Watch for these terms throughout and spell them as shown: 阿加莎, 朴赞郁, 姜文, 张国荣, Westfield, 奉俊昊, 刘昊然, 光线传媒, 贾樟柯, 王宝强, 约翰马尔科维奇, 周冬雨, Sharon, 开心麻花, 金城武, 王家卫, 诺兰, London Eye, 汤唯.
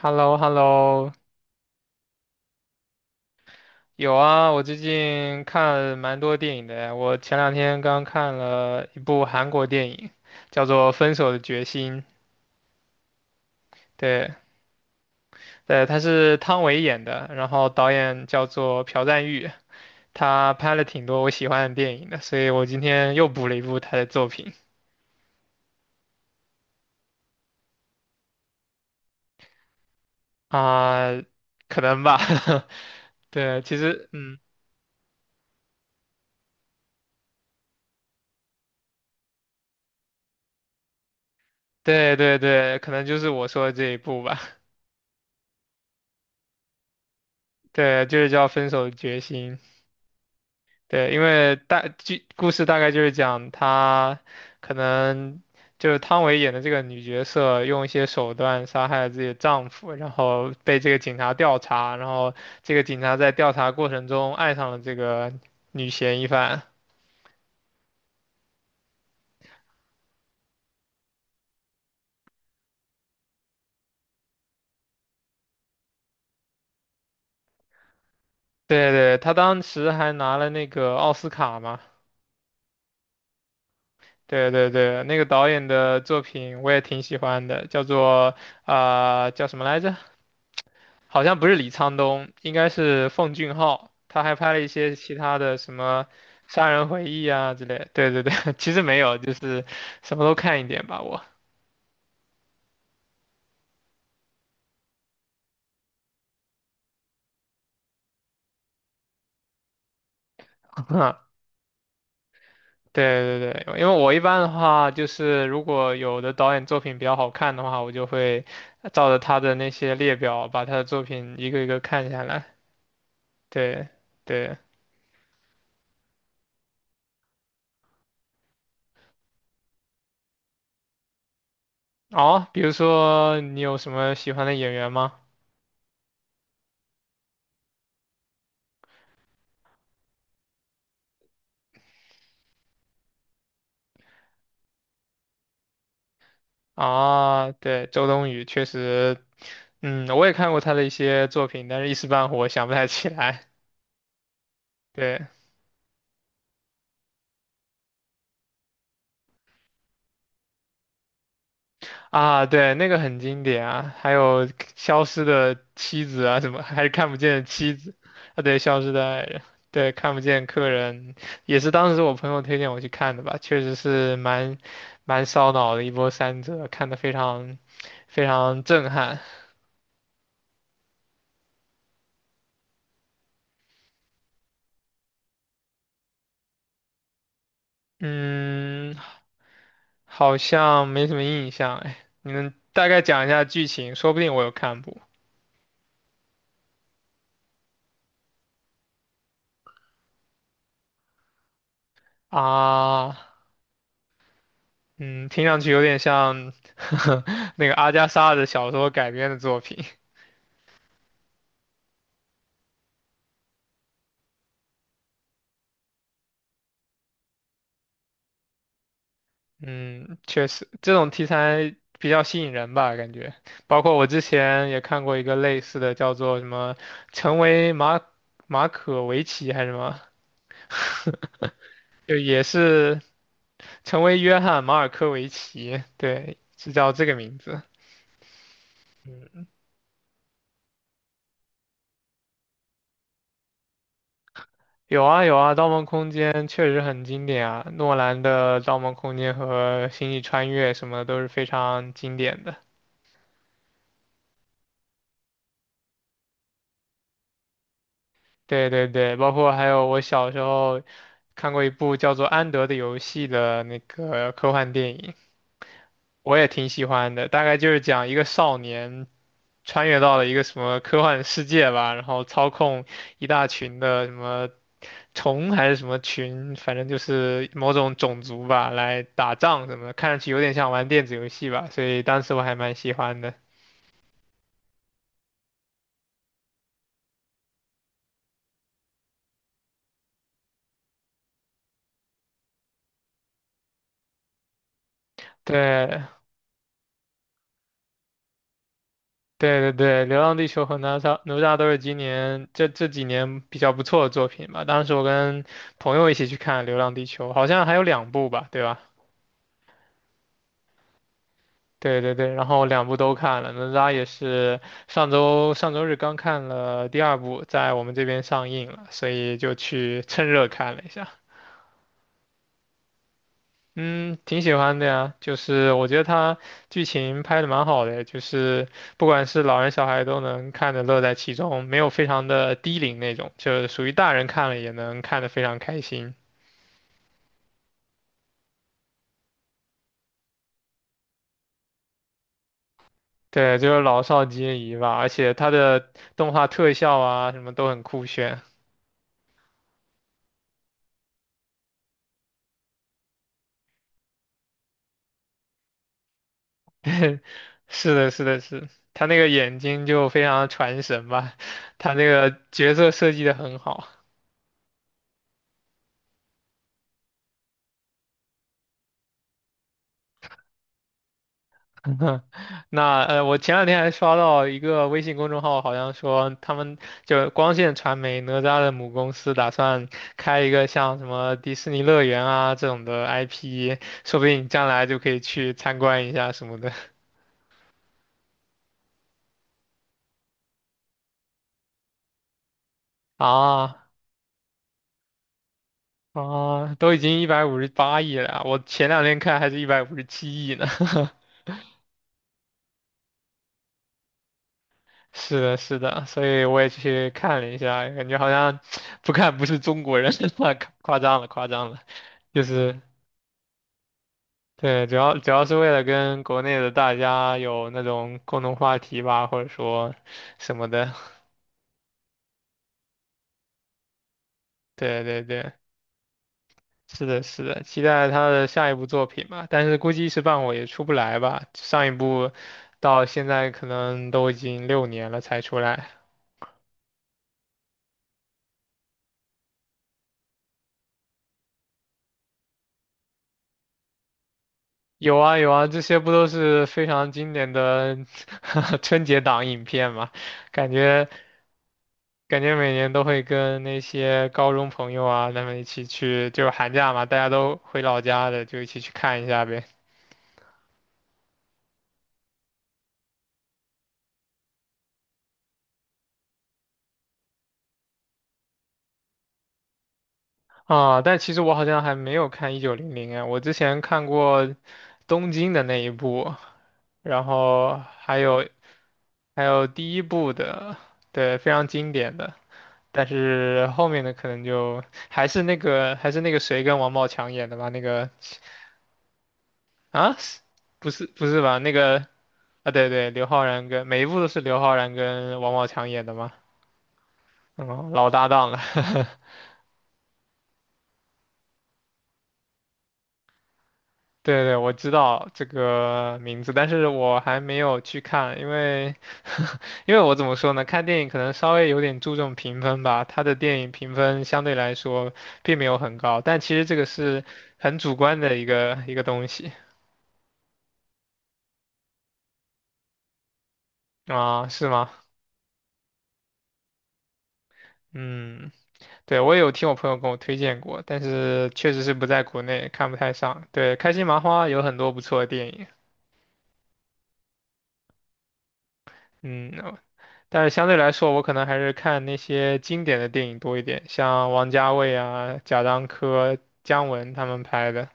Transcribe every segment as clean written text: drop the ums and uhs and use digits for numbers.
h e l l o h e l l o 有啊，我最近看蛮多电影的。我前两天刚看了一部韩国电影，叫做《分手的决心》。对，对，他是汤唯演的，然后导演叫做朴赞郁，他拍了挺多我喜欢的电影的，所以我今天又补了一部他的作品啊，可能吧。对，其实，嗯，对对对，可能就是我说的这一部吧。对，就是叫《分手的决心》。对，因为大剧故事大概就是讲她可能就是汤唯演的这个女角色用一些手段杀害了自己的丈夫，然后被这个警察调查，然后这个警察在调查过程中爱上了这个女嫌疑犯。对对，她当时还拿了那个奥斯卡嘛。对对对，那个导演的作品我也挺喜欢的，叫做叫什么来着？好像不是李沧东，应该是奉俊昊，他还拍了一些其他的什么《杀人回忆》啊之类。对对对，其实没有，就是什么都看一点吧，我。对对对，因为我一般的话，就是如果有的导演作品比较好看的话，我就会照着他的那些列表，把他的作品一个一个看下来。对对，哦，比如说你有什么喜欢的演员吗？啊，对，周冬雨确实，我也看过她的一些作品，但是一时半会儿想不太起来。对啊，对，那个很经典啊，还有消失的妻子啊，什么还是看不见的妻子啊，对，消失的爱人，对，看不见客人，也是当时我朋友推荐我去看的吧，确实是蛮烧脑的一波三折，看的非常非常震撼。嗯，好像没什么印象哎，你能大概讲一下剧情？说不定我有看过啊。嗯，听上去有点像 那个阿加莎的小说改编的作品。嗯，确实，这种题材比较吸引人吧，感觉。包括我之前也看过一个类似的，叫做什么《成为马可维奇》还是什么，就也是成为约翰马尔科维奇，对，是叫这个名字。嗯有啊有啊，《盗梦空间》确实很经典啊，诺兰的《盗梦空间》和《星际穿越》什么的都是非常经典的。对对对，包括还有我小时候看过一部叫做《安德的游戏》的那个科幻电影，我也挺喜欢的。大概就是讲一个少年穿越到了一个什么科幻世界吧，然后操控一大群的什么虫还是什么群，反正就是某种种族吧，来打仗什么的，看上去有点像玩电子游戏吧，所以当时我还蛮喜欢的。对，对对对，《流浪地球》和哪吒都是今年这几年比较不错的作品吧。当时我跟朋友一起去看《流浪地球》，好像还有两部吧，对吧？对对对，然后两部都看了，哪吒也是上周日刚看了第二部，在我们这边上映了，所以就去趁热看了一下。嗯，挺喜欢的呀，就是我觉得它剧情拍的蛮好的，就是不管是老人小孩都能看着乐在其中，没有非常的低龄那种，就是属于大人看了也能看得非常开心。对，就是老少皆宜吧，而且它的动画特效啊什么都很酷炫。是的，是的，是，他那个眼睛就非常传神吧，他那个角色设计的很好。那我前两天还刷到一个微信公众号，好像说他们就光线传媒哪吒的母公司打算开一个像什么迪士尼乐园啊这种的 IP，说不定你将来就可以去参观一下什么的 啊啊，都已经158亿了啊我前两天看还是157亿呢。是的，是的，所以我也去看了一下，感觉好像 不看不是中国人，夸夸张了，夸张了，就是。对，主要是为了跟国内的大家有那种共同话题吧，或者说什么的。对对对，是的，是的，期待他的下一部作品吧。但是估计一时半会也出不来吧，上一部到现在可能都已经6年了才出来。有啊有啊，这些不都是非常经典的 春节档影片嘛？感觉感觉每年都会跟那些高中朋友啊，他们一起去，就是寒假嘛，大家都回老家的，就一起去看一下呗。啊，但其实我好像还没有看《一九零零》啊，我之前看过东京的那一部，然后还有第一部的，对，非常经典的。但是后面的可能就还是那个谁跟王宝强演的吧，那个啊，是不是不是吧？那个啊，对对，刘昊然跟每一部都是刘昊然跟王宝强演的嘛，嗯，老搭档了。对对，我知道这个名字，但是我还没有去看，因为 因为我怎么说呢，看电影可能稍微有点注重评分吧，他的电影评分相对来说并没有很高，但其实这个是很主观的一个东西啊，是吗？嗯，对，我也有听我朋友跟我推荐过，但是确实是不在国内看不太上。对，开心麻花有很多不错的电影。嗯，但是相对来说，我可能还是看那些经典的电影多一点，像王家卫啊、贾樟柯、姜文他们拍的。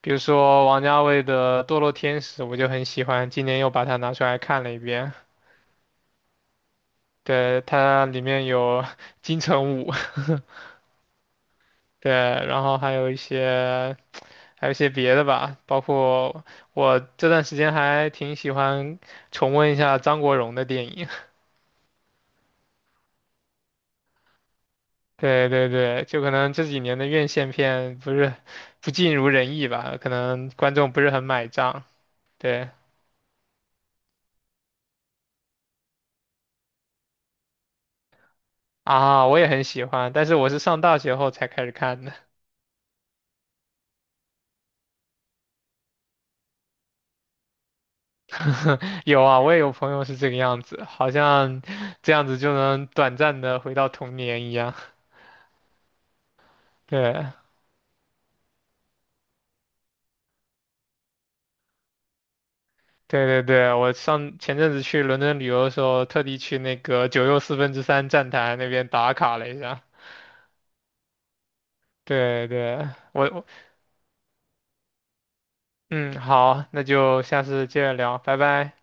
比如说王家卫的《堕落天使》，我就很喜欢，今年又把它拿出来看了一遍。对，它里面有 金城武，对，然后还有一些别的吧，包括我这段时间还挺喜欢重温一下张国荣的电影。对对对，就可能这几年的院线片不是不尽如人意吧，可能观众不是很买账。对啊，我也很喜欢，但是我是上大学后才开始看的。有啊，我也有朋友是这个样子，好像这样子就能短暂的回到童年一样。对对对对，我上前阵子去伦敦旅游的时候，特地去那个九又四分之三站台那边打卡了一下。对对，我我嗯好，那就下次接着聊，拜拜。